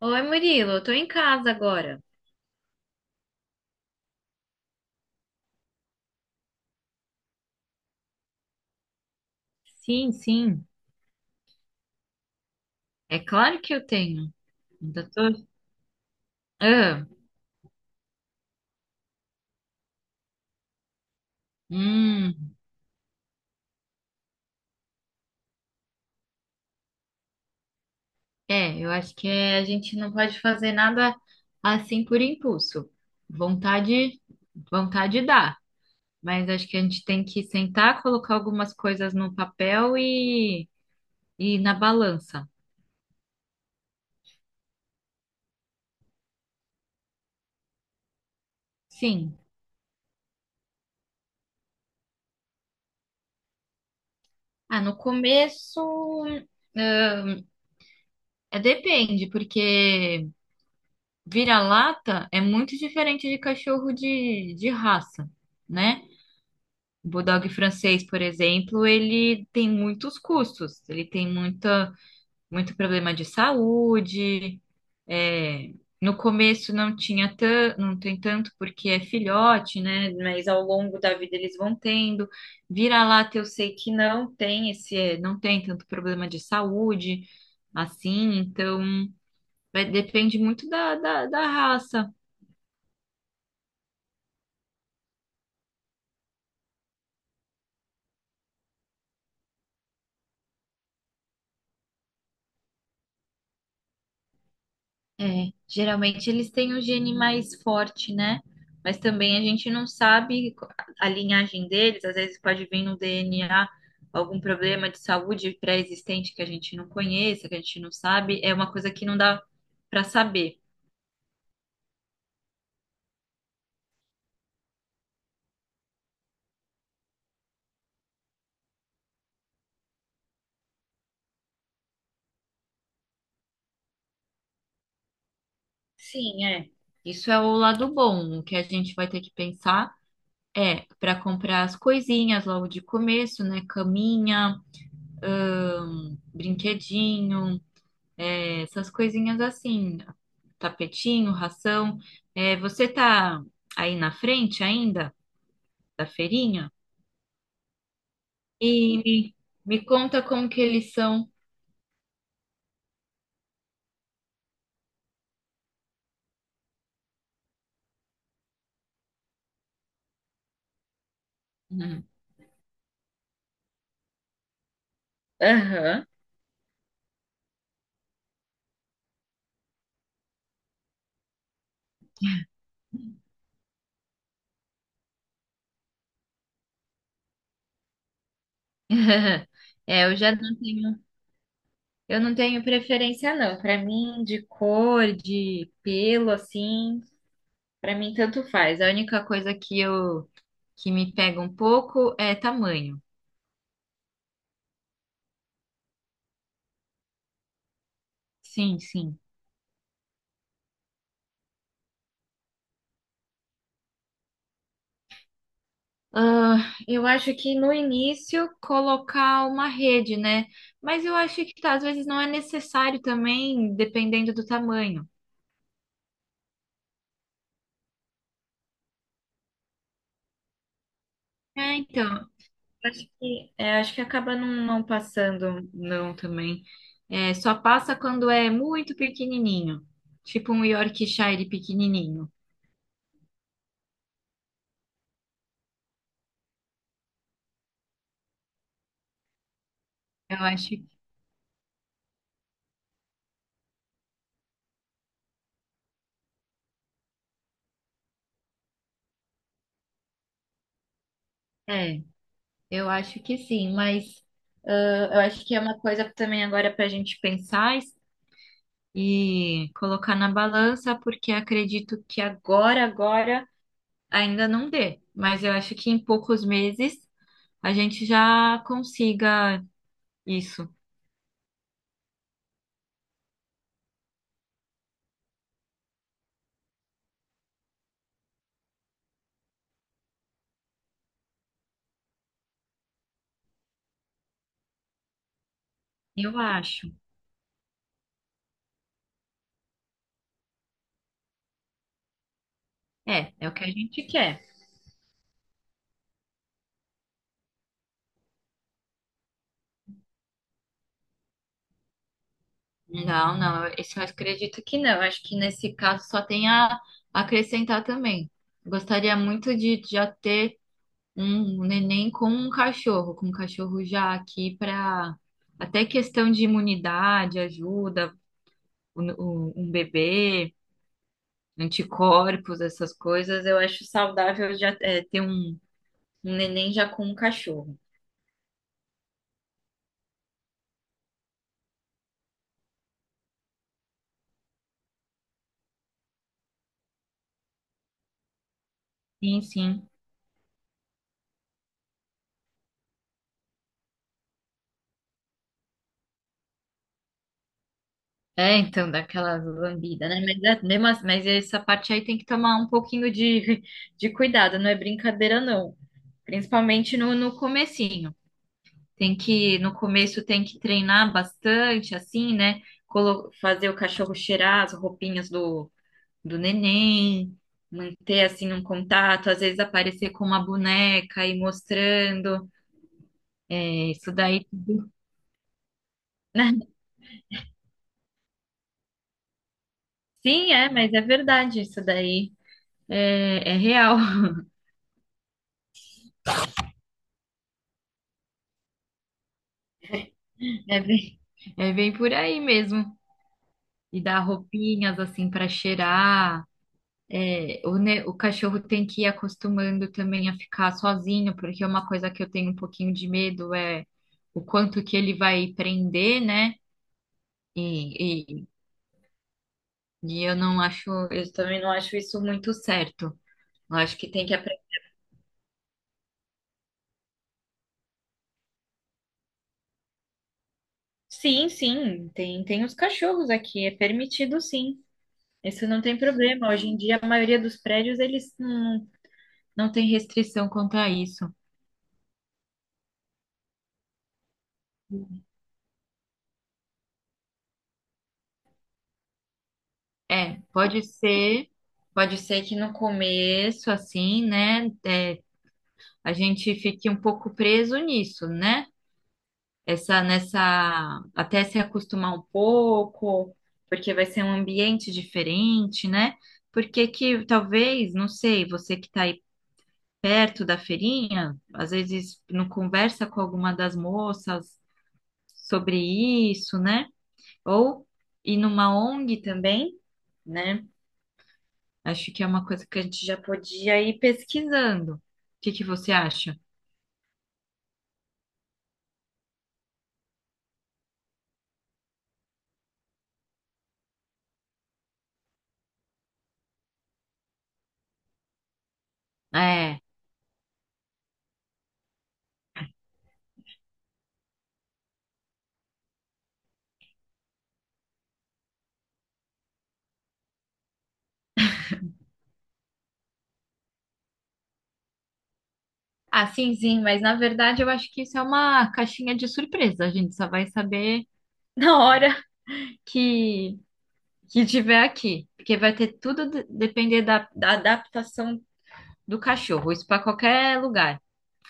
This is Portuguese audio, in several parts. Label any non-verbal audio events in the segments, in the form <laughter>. Oi, Murilo, eu tô em casa agora. Sim, sim. É claro que eu tenho. Ainda tô... Ah, hum, eu acho que a gente não pode fazer nada assim por impulso. Vontade, vontade dá, mas acho que a gente tem que sentar, colocar algumas coisas no papel e na balança. Sim. Ah, no começo, é, depende, porque vira-lata é muito diferente de cachorro de raça, né? O Bulldog francês, por exemplo, ele tem muitos custos, ele tem muita, muito problema de saúde. É, no começo não tinha tan, não tem tanto porque é filhote, né? Mas ao longo da vida eles vão tendo. Vira-lata eu sei que não tem esse, é, não tem tanto problema de saúde assim, então vai- depende muito da, da raça. É, geralmente eles têm o gene mais forte, né? Mas também a gente não sabe a linhagem deles, às vezes pode vir no DNA algum problema de saúde pré-existente que a gente não conheça, que a gente não sabe, é uma coisa que não dá para saber. Sim, é. Isso é o lado bom, o que a gente vai ter que pensar é para comprar as coisinhas logo de começo, né? Caminha, brinquedinho, é, essas coisinhas assim, tapetinho, ração. É, você tá aí na frente ainda da feirinha? E me, me conta como que eles são. Uhum. Aham. <laughs> É, eu já não tenho, eu não tenho preferência não. Para mim, de cor, de pelo, assim, para mim tanto faz. A única coisa que me pega um pouco é tamanho. Sim, sim. Ah, eu acho que no início colocar uma rede, né? Mas eu acho que tá, às vezes não é necessário também, dependendo do tamanho. É, então, acho que, é, acho que acaba não, não passando, não, também. É, só passa quando é muito pequenininho, tipo um Yorkshire pequenininho. Eu acho que é, eu acho que sim, mas eu acho que é uma coisa também agora para a gente pensar e colocar na balança, porque acredito que agora, agora ainda não dê. Mas eu acho que em poucos meses a gente já consiga isso. Eu acho. É, é o que a gente quer. Não, não, eu- isso eu acredito que não. Eu acho que nesse caso só tem a acrescentar também. Gostaria muito de já ter um neném com um cachorro já aqui para até questão de imunidade, ajuda, o- um bebê, anticorpos, essas coisas, eu acho saudável já é, ter um, um neném já com um cachorro. Sim, sim. É, então, daquela lambida, né? Mas, é- mesmo assim- mas essa parte aí tem que tomar um pouquinho de, <laughs> de cuidado, não é brincadeira, não. Principalmente no, no comecinho. Tem que, no começo tem que treinar bastante, assim, né? Colo- fazer o cachorro cheirar as roupinhas do, do neném, manter assim um contato, às vezes aparecer com uma boneca e mostrando. É, isso daí, né? <laughs> Sim, é, mas é verdade, isso daí é, é real. <laughs> É bem, é bem por aí mesmo. E dar roupinhas assim para cheirar. É, o, ne- o cachorro tem que ir acostumando também a ficar sozinho, porque uma coisa que eu tenho um pouquinho de medo é o quanto que ele vai prender, né? E, e eu não acho, eu também não acho isso muito certo. Eu acho que tem que aprender. Sim, sim, tem, tem os cachorros aqui, é permitido sim. Isso não tem problema. Hoje em dia, a maioria dos prédios, eles não, não tem restrição quanto a isso. É, pode ser que no começo, assim, né, é, a gente fique um pouco preso nisso, né? essa nessa até se acostumar um pouco, porque vai ser um ambiente diferente, né? Porque que talvez, não sei, você que está aí perto da feirinha, às vezes não conversa com alguma das moças sobre isso, né? Ou ir numa ONG também, né? Acho que é uma coisa que a gente já podia ir pesquisando. O que que você acha? É. Ah, sim, sim, mas na verdade eu acho que isso é uma caixinha de surpresa. A gente só vai saber <laughs> na hora que, que tiver aqui. Porque vai ter tudo de- depender da, da adaptação do cachorro. Isso para qualquer lugar.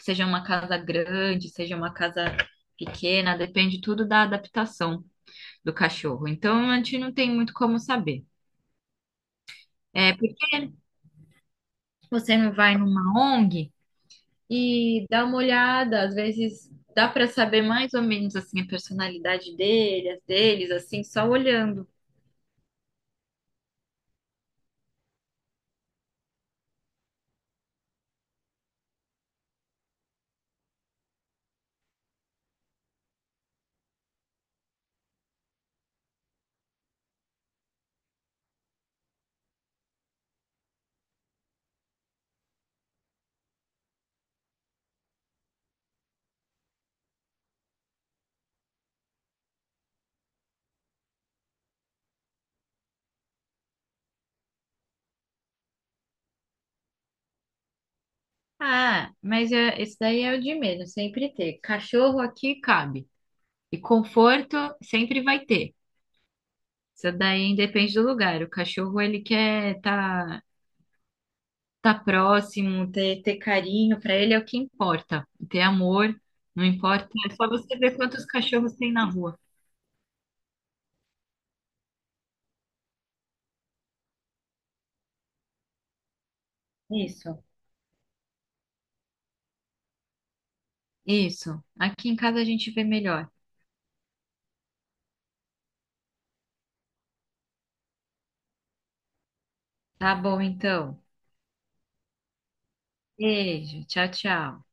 Seja uma casa grande, seja uma casa pequena, depende tudo da adaptação do cachorro. Então a gente não tem muito como saber. É porque você não vai numa ONG. E dá uma olhada, às vezes dá para saber mais ou menos assim a personalidade dele, as deles, assim, só olhando. Ah, mas é, esse daí é o de menos, sempre ter. Cachorro aqui cabe. E conforto sempre vai ter. Isso daí depende do lugar. O cachorro ele quer tá próximo, ter, ter carinho, para ele é o que importa. Ter amor, não importa. É só você ver quantos cachorros tem na rua. Isso. Isso. Aqui em casa a gente vê melhor. Tá bom, então. Beijo. Tchau, tchau.